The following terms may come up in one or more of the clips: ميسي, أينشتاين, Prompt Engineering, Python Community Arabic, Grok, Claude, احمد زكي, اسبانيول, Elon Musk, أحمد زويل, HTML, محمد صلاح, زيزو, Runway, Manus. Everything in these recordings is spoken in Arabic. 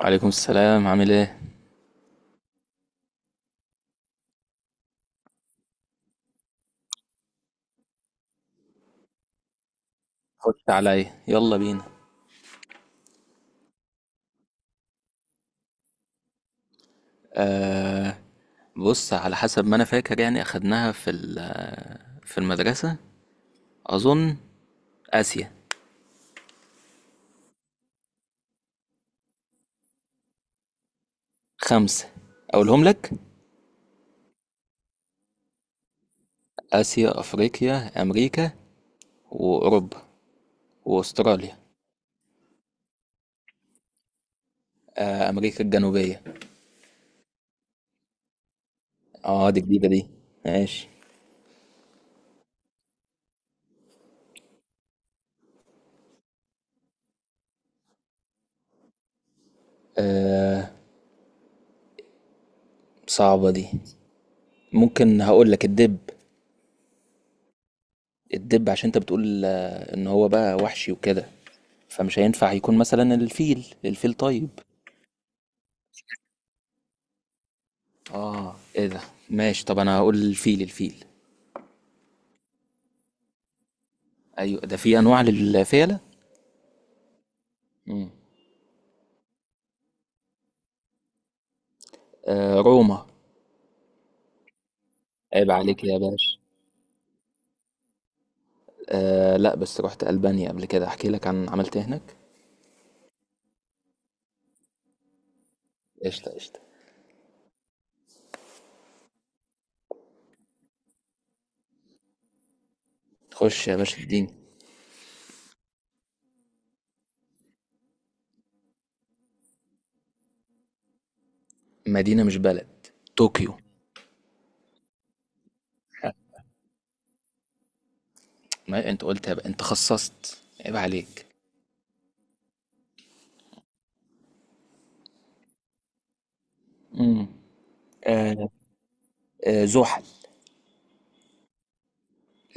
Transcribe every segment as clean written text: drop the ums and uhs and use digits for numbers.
وعليكم السلام، عامل ايه؟ خش عليا، يلا بينا. آه بص، على حسب ما انا فاكر يعني اخدناها في في المدرسة. اظن. اسيا. خمسة. اقولهم لك. اسيا، افريقيا، امريكا، واوروبا، واستراليا. امريكا الجنوبية. اه، دي جديدة دي. ماشي. آه صعبة دي. ممكن هقول لك الدب. الدب عشان انت بتقول ان هو بقى وحشي وكده، فمش هينفع يكون مثلا الفيل الفيل، طيب. اه، ايه ده؟ ماشي. طب انا هقول الفيل الفيل. ايوه، ده في انواع للفيلة. مم. روما. عيب عليك يا باشا. لا بس رحت البانيا قبل كده، احكي لك عن عملت إيه هناك. قشطة قشطة. خش يا باشا، اديني. مدينة مش بلد. طوكيو. ما انت قلت يا بقى. انت خصصت. عيب عليك. امم. آه آه زحل.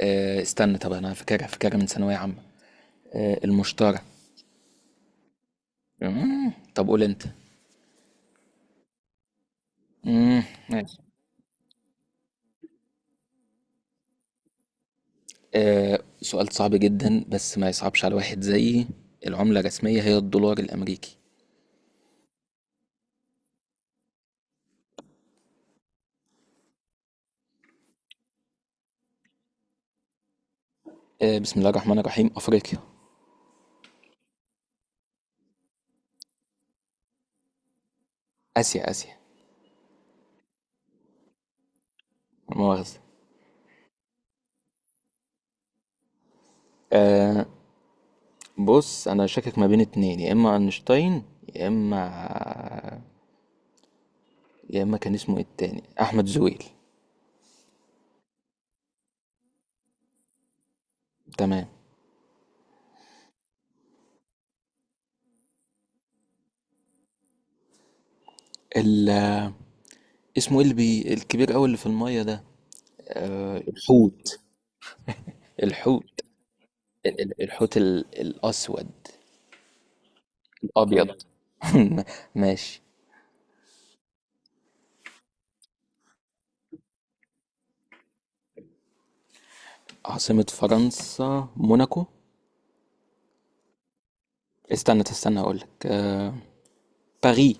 آه استنى، طب انا فاكرها فاكرها من ثانوية عامة. المشترى. مم. طب قول انت. امم. سؤال صعب جدا، بس ما يصعبش على واحد زيي. العملة الرسمية هي الدولار الأمريكي. بسم الله الرحمن الرحيم، أفريقيا. آسيا آسيا. لا مؤاخذة. آه، بص، أنا شاكك ما بين اتنين، يا إما أينشتاين، يا إما يا إما كان اسمه إيه التاني، أحمد زويل. تمام. ال... اسمه إيه اللي الكبير أوي اللي في المية ده؟ الحوت. الحوت. الحوت الأسود. الأبيض. ماشي. عاصمة فرنسا موناكو. استنى استنى، اقول لك باري.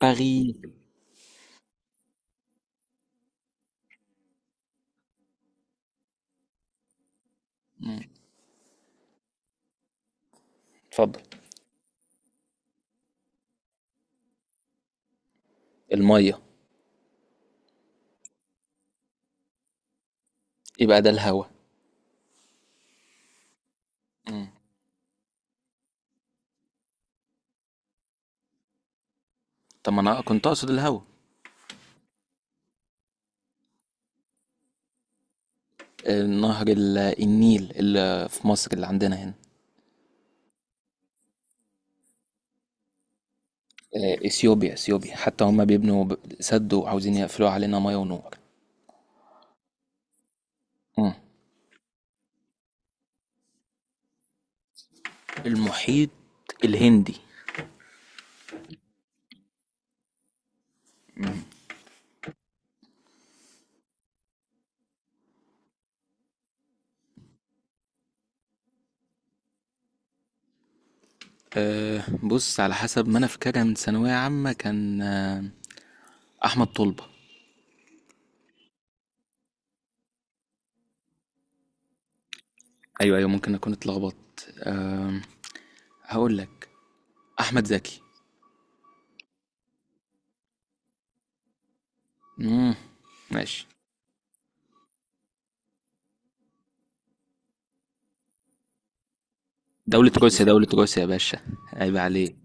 باري. مم. اتفضل. الميه. يبقى ده الهوا. مم. طب ما انا كنت اقصد الهوا. نهر النيل اللي في مصر، اللي عندنا هنا. اثيوبيا اثيوبيا، حتى هم بيبنوا سد وعاوزين يقفلوا علينا ميه ونور. مم. المحيط الهندي. بص، على حسب ما انا فاكرها من ثانويه عامه كان احمد طلبه. ايوه ايوه، ممكن اكون اتلخبطت. هقول لك. احمد زكي. مم. ماشي. دولة روسيا، دولة روسيا يا باشا. عيب عليه.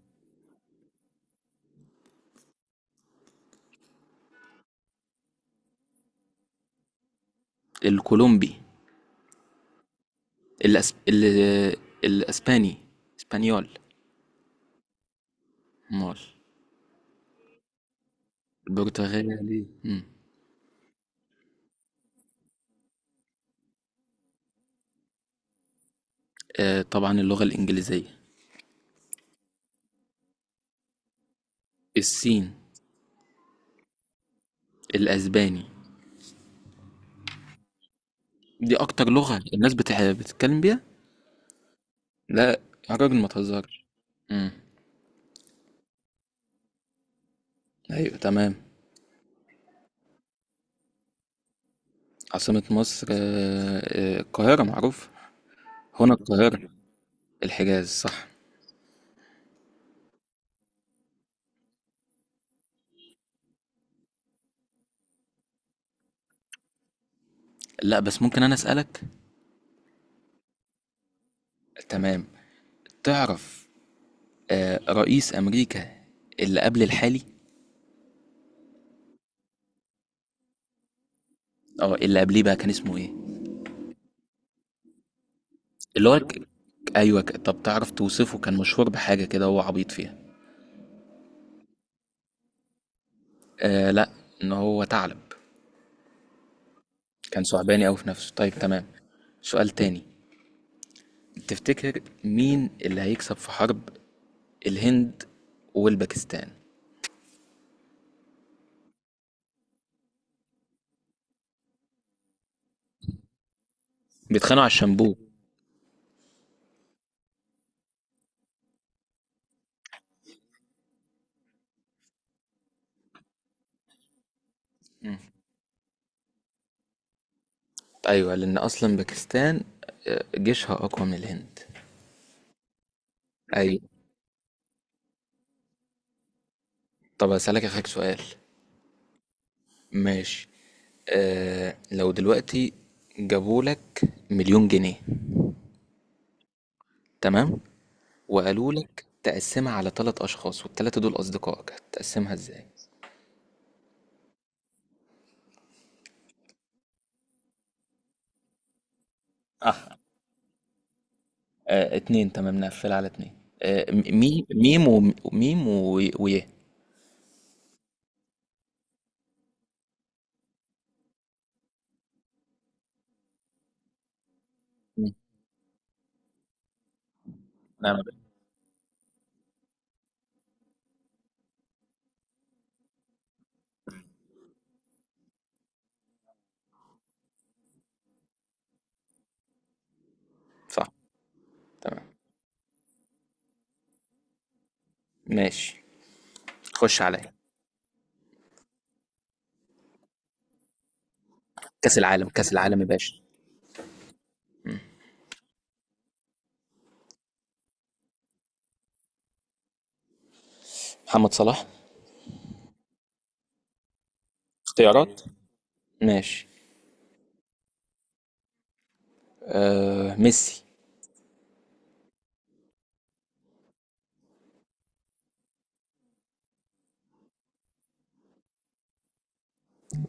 الكولومبي. الأسب... ال... الأسباني. اسبانيول. مول. البرتغالي. مم. طبعا اللغة الإنجليزية. الصين. الأسباني. دي أكتر لغة الناس بتتكلم بيها. لا، يا راجل ما تهزرش. مم. أيوة تمام. عاصمة مصر القاهرة، معروف. هنا القاهرة. الحجاز صح. لا بس ممكن أنا أسألك. تمام. تعرف رئيس امريكا اللي قبل الحالي. اه، اللي قبليه بقى كان اسمه ايه؟ اللي هو ك... ايوه طب تعرف توصفه، كان مشهور بحاجه كده هو عبيط فيها. لا، ان هو ثعلب. كان ثعباني قوي في نفسه، طيب تمام. سؤال تاني. تفتكر مين اللي هيكسب في حرب الهند والباكستان؟ بيتخانقوا على الشامبو. مم. ايوه، لان اصلا باكستان جيشها اقوى من الهند. ايوه. طب اسالك اخك سؤال. ماشي. لو دلوقتي جابولك مليون جنيه، تمام، وقالولك تقسمها على ثلاث أشخاص والتلاتة دول أصدقائك، هتقسمها إزاي؟ اه. اتنين تمام، نقفل على اتنين. آه، م- مي ميم، وميم، ويه. مم. نعم يا باشا. صح. تمام. ماشي. خش عليا. كأس العالم، كأس العالم يا باشا. مم. محمد صلاح. اختيارات. ماشي. ميسي.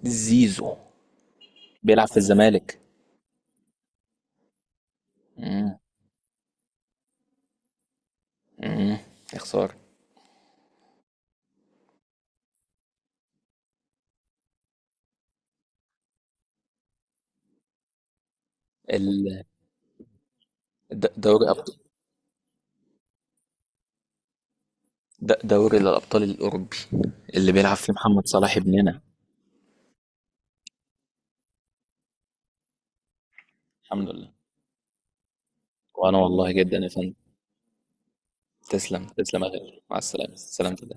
زيزو. بيلعب في الزمالك. مم. مم. يا خسارة. ال- دوري أبطال. دوري الأبطال الأوروبي. اللي بيلعب فيه محمد صلاح ابننا. الحمد لله. وأنا والله جدا يا فندم. تسلم تسلم يا غالي، مع السلامة، سلامتك.